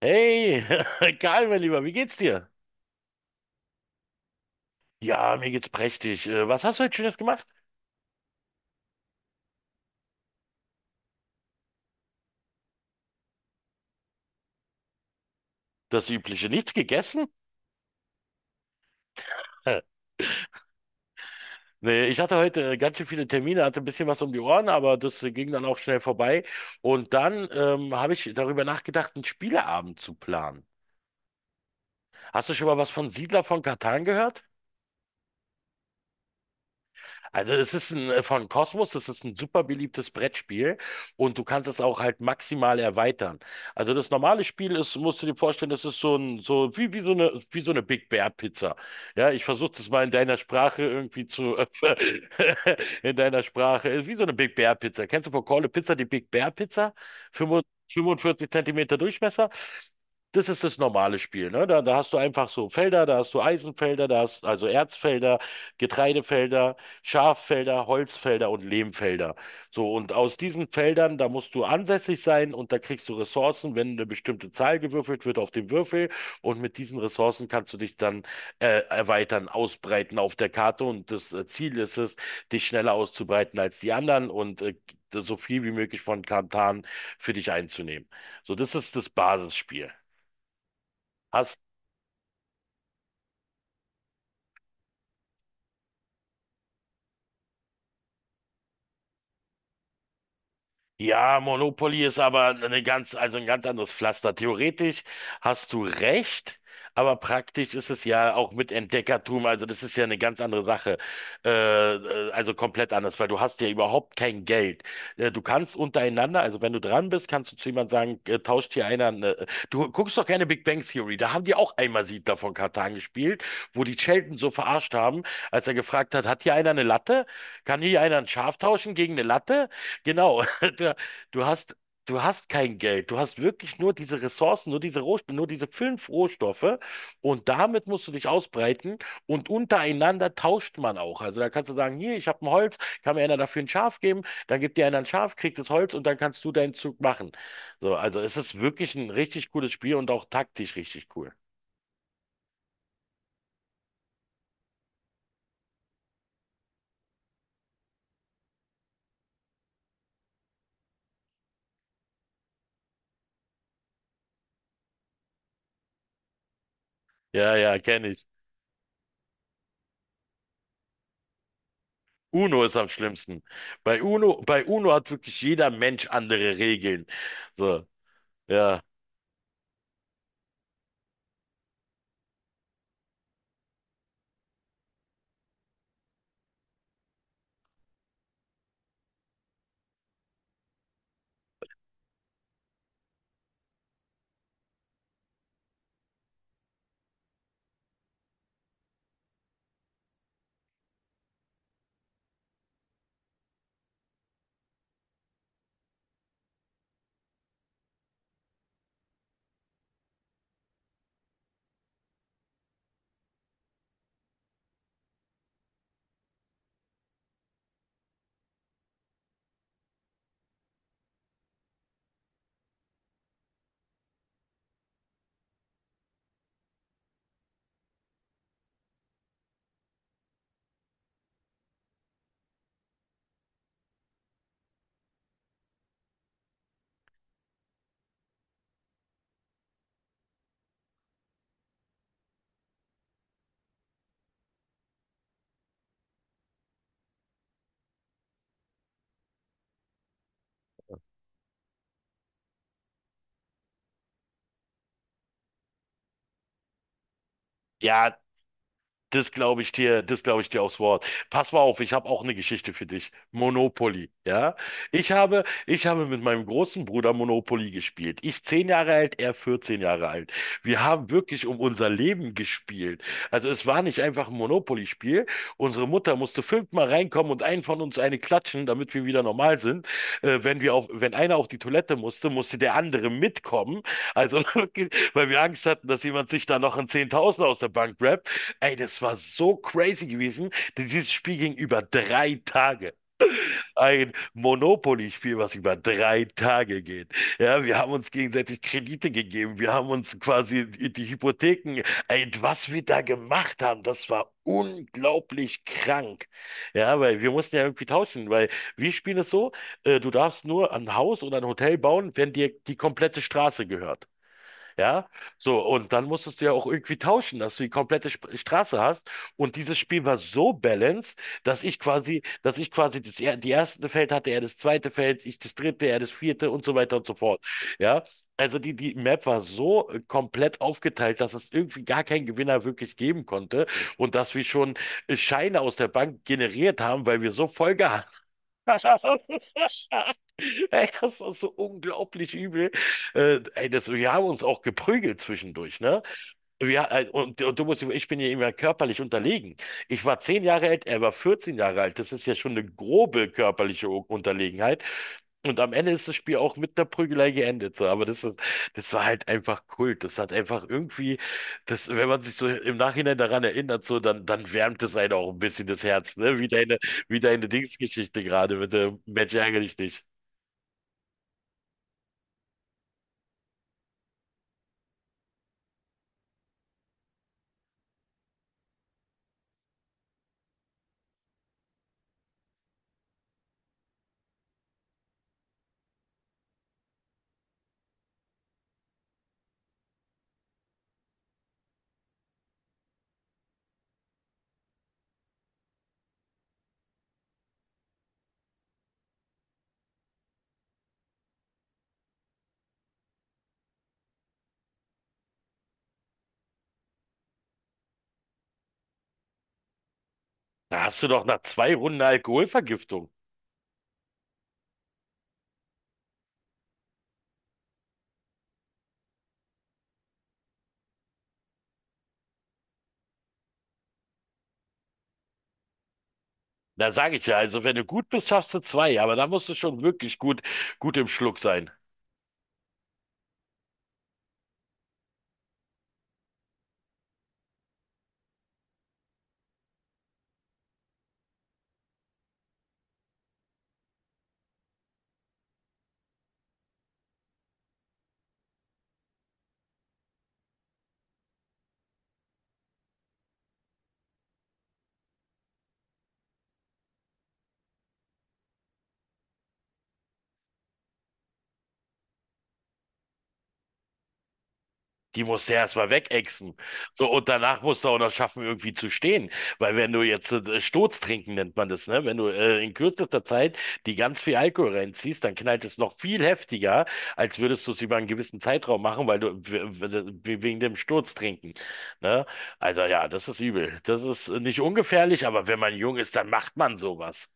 Hey, Karl, mein Lieber, wie geht's dir? Ja, mir geht's prächtig. Was hast du heute Schönes gemacht? Das Übliche. Nichts gegessen? Nee, ich hatte heute ganz schön viele Termine, hatte ein bisschen was um die Ohren, aber das ging dann auch schnell vorbei. Und dann habe ich darüber nachgedacht, einen Spieleabend zu planen. Hast du schon mal was von Siedler von Catan gehört? Also es ist ein, von Cosmos, das ist ein super beliebtes Brettspiel und du kannst es auch halt maximal erweitern. Also das normale Spiel ist, musst du dir vorstellen, das ist so ein, so wie, wie so eine Big Bear Pizza. Ja, ich versuche das mal in deiner Sprache irgendwie zu, in deiner Sprache, wie so eine Big Bear Pizza. Kennst du von Call a Pizza die Big Bear Pizza? 45 Zentimeter Durchmesser? Das ist das normale Spiel, ne? Da, da hast du einfach so Felder, da hast du Eisenfelder, da hast also Erzfelder, Getreidefelder. Schaffelder, Holzfelder und Lehmfelder. So, und aus diesen Feldern, da musst du ansässig sein und da kriegst du Ressourcen, wenn eine bestimmte Zahl gewürfelt wird auf dem Würfel. Und mit diesen Ressourcen kannst du dich dann erweitern, ausbreiten auf der Karte. Und das Ziel ist es, dich schneller auszubreiten als die anderen und so viel wie möglich von Kantan für dich einzunehmen. So, das ist das Basisspiel. Hast ja, Monopoly ist aber eine ganz, also ein ganz anderes Pflaster. Theoretisch hast du recht, aber praktisch ist es ja auch mit Entdeckertum, also das ist ja eine ganz andere Sache. Äh, also komplett anders, weil du hast ja überhaupt kein Geld. Du kannst untereinander, also wenn du dran bist, kannst du zu jemandem sagen, tauscht hier einer, eine, du guckst doch keine Big Bang Theory, da haben die auch einmal Siedler von Catan gespielt, wo die Sheldon so verarscht haben, als er gefragt hat, hat hier einer eine Latte? Kann hier einer ein Schaf tauschen gegen eine Latte? Genau, Du, du hast, du hast kein Geld. Du hast wirklich nur diese Ressourcen, nur diese Rohstoffe, nur diese fünf Rohstoffe. Und damit musst du dich ausbreiten. Und untereinander tauscht man auch. Also da kannst du sagen, hier, ich habe ein Holz, kann mir einer dafür ein Schaf geben. Dann gibt dir einer ein Schaf, kriegt das Holz und dann kannst du deinen Zug machen. So, also es ist wirklich ein richtig cooles Spiel und auch taktisch richtig cool. Ja, ja, kenne ich. Uno ist am schlimmsten. Bei Uno hat wirklich jeder Mensch andere Regeln. So, ja. Ja, das glaube ich dir, das glaube ich dir aufs Wort. Pass mal auf, ich habe auch eine Geschichte für dich. Monopoly, ja? Ich habe mit meinem großen Bruder Monopoly gespielt. Ich zehn Jahre alt, er 14 Jahre alt. Wir haben wirklich um unser Leben gespielt. Also es war nicht einfach ein Monopoly-Spiel. Unsere Mutter musste fünfmal reinkommen und einen von uns eine klatschen, damit wir wieder normal sind. Wenn wir auf, wenn einer auf die Toilette musste, musste der andere mitkommen. Also wirklich, weil wir Angst hatten, dass jemand sich da noch ein Zehntausender aus der Bank rappt. Ey, das war so crazy gewesen, denn dieses Spiel ging über drei Tage. Ein Monopoly-Spiel, was über drei Tage geht. Ja, wir haben uns gegenseitig Kredite gegeben, wir haben uns quasi die Hypotheken, ey, was wir da gemacht haben, das war unglaublich krank. Ja, weil wir mussten ja irgendwie tauschen, weil wir spielen es so, du darfst nur ein Haus oder ein Hotel bauen, wenn dir die komplette Straße gehört. Ja, so, und dann musstest du ja auch irgendwie tauschen, dass du die komplette Sp Straße hast. Und dieses Spiel war so balanced, dass ich quasi das, die erste Feld hatte, er das zweite Feld, ich das dritte, er das vierte und so weiter und so fort. Ja, also die, die Map war so komplett aufgeteilt, dass es irgendwie gar keinen Gewinner wirklich geben konnte und dass wir schon Scheine aus der Bank generiert haben, weil wir so voll gehabt haben. Ey, das war so unglaublich übel. Das, wir haben uns auch geprügelt zwischendurch, ne? Ja, und du musst, ich bin ja immer körperlich unterlegen. Ich war zehn Jahre alt, er war 14 Jahre alt. Das ist ja schon eine grobe körperliche Unterlegenheit. Und am Ende ist das Spiel auch mit der Prügelei geendet. So. Aber das ist, das war halt einfach Kult. Das hat einfach irgendwie, das, wenn man sich so im Nachhinein daran erinnert, so, dann, dann wärmt es einen auch ein bisschen das Herz, ne? Wie deine Dingsgeschichte gerade mit dem Mensch ärgere dich nicht. Da hast du doch nach zwei Runden Alkoholvergiftung. Da sage ich ja, also wenn du gut bist, schaffst du zwei, aber da musst du schon wirklich gut, gut im Schluck sein. Die musst du erstmal wegexen. So, und danach musst du auch noch schaffen, irgendwie zu stehen. Weil wenn du jetzt Sturz trinken nennt man das, ne? Wenn du in kürzester Zeit die ganz viel Alkohol reinziehst, dann knallt es noch viel heftiger, als würdest du es über einen gewissen Zeitraum machen, weil du wegen dem Sturz trinken. Ne? Also ja, das ist übel. Das ist nicht ungefährlich, aber wenn man jung ist, dann macht man sowas.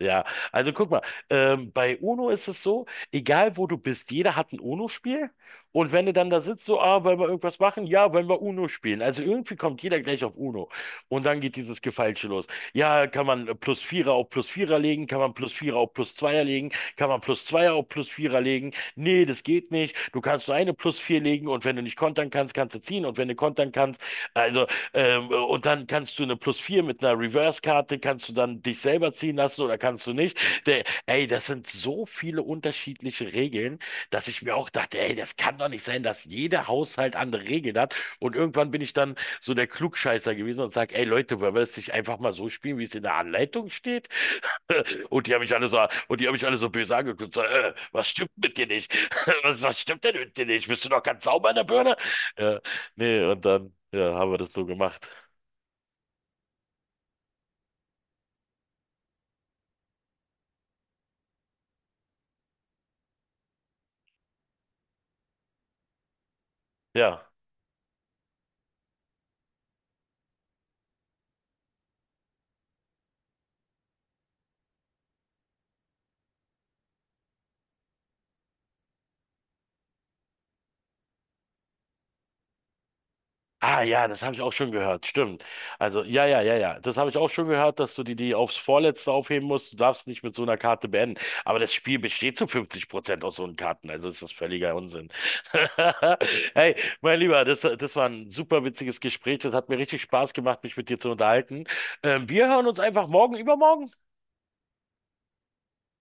Ja, also guck mal, bei UNO ist es so, egal wo du bist, jeder hat ein UNO-Spiel. Und wenn du dann da sitzt, so, ah, wollen wir irgendwas machen? Ja, wollen wir UNO spielen. Also irgendwie kommt jeder gleich auf UNO. Und dann geht dieses Gefeilsche los. Ja, kann man plus Vierer auf plus Vierer legen? Kann man plus Vierer auf plus Zweier legen? Kann man plus Zweier auf plus Vierer legen? Nee, das geht nicht. Du kannst nur eine plus Vier legen. Und wenn du nicht kontern kannst, kannst du ziehen. Und wenn du kontern kannst, also, und dann kannst du eine Plus 4 mit einer Reverse-Karte, kannst du dann dich selber ziehen lassen oder kannst du nicht. Der, ey, das sind so viele unterschiedliche Regeln, dass ich mir auch dachte, ey, das kann doch nicht sein, dass jeder Haushalt andere Regeln hat. Und irgendwann bin ich dann so der Klugscheißer gewesen und sage, ey Leute, wollen wir das nicht einfach mal so spielen, wie es in der Anleitung steht? Und die haben mich alle so, und die haben mich alle so böse angeguckt, so, was stimmt mit dir nicht? Was, was stimmt denn mit dir nicht? Bist du noch ganz sauber in der Birne? Ja, nee, und dann, ja, haben wir das so gemacht. Ja. Ah ja, das habe ich auch schon gehört, stimmt. Also ja, ja, ja, ja, das habe ich auch schon gehört, dass du die, die aufs Vorletzte aufheben musst. Du darfst nicht mit so einer Karte beenden. Aber das Spiel besteht zu 50% aus so einen Karten, also ist das völliger Unsinn. Hey, mein Lieber, das, das war ein super witziges Gespräch. Das hat mir richtig Spaß gemacht, mich mit dir zu unterhalten. Wir hören uns einfach morgen, übermorgen.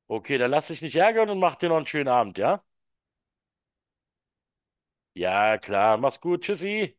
Okay, dann lass dich nicht ärgern und mach dir noch einen schönen Abend, ja? Ja, klar, mach's gut, tschüssi.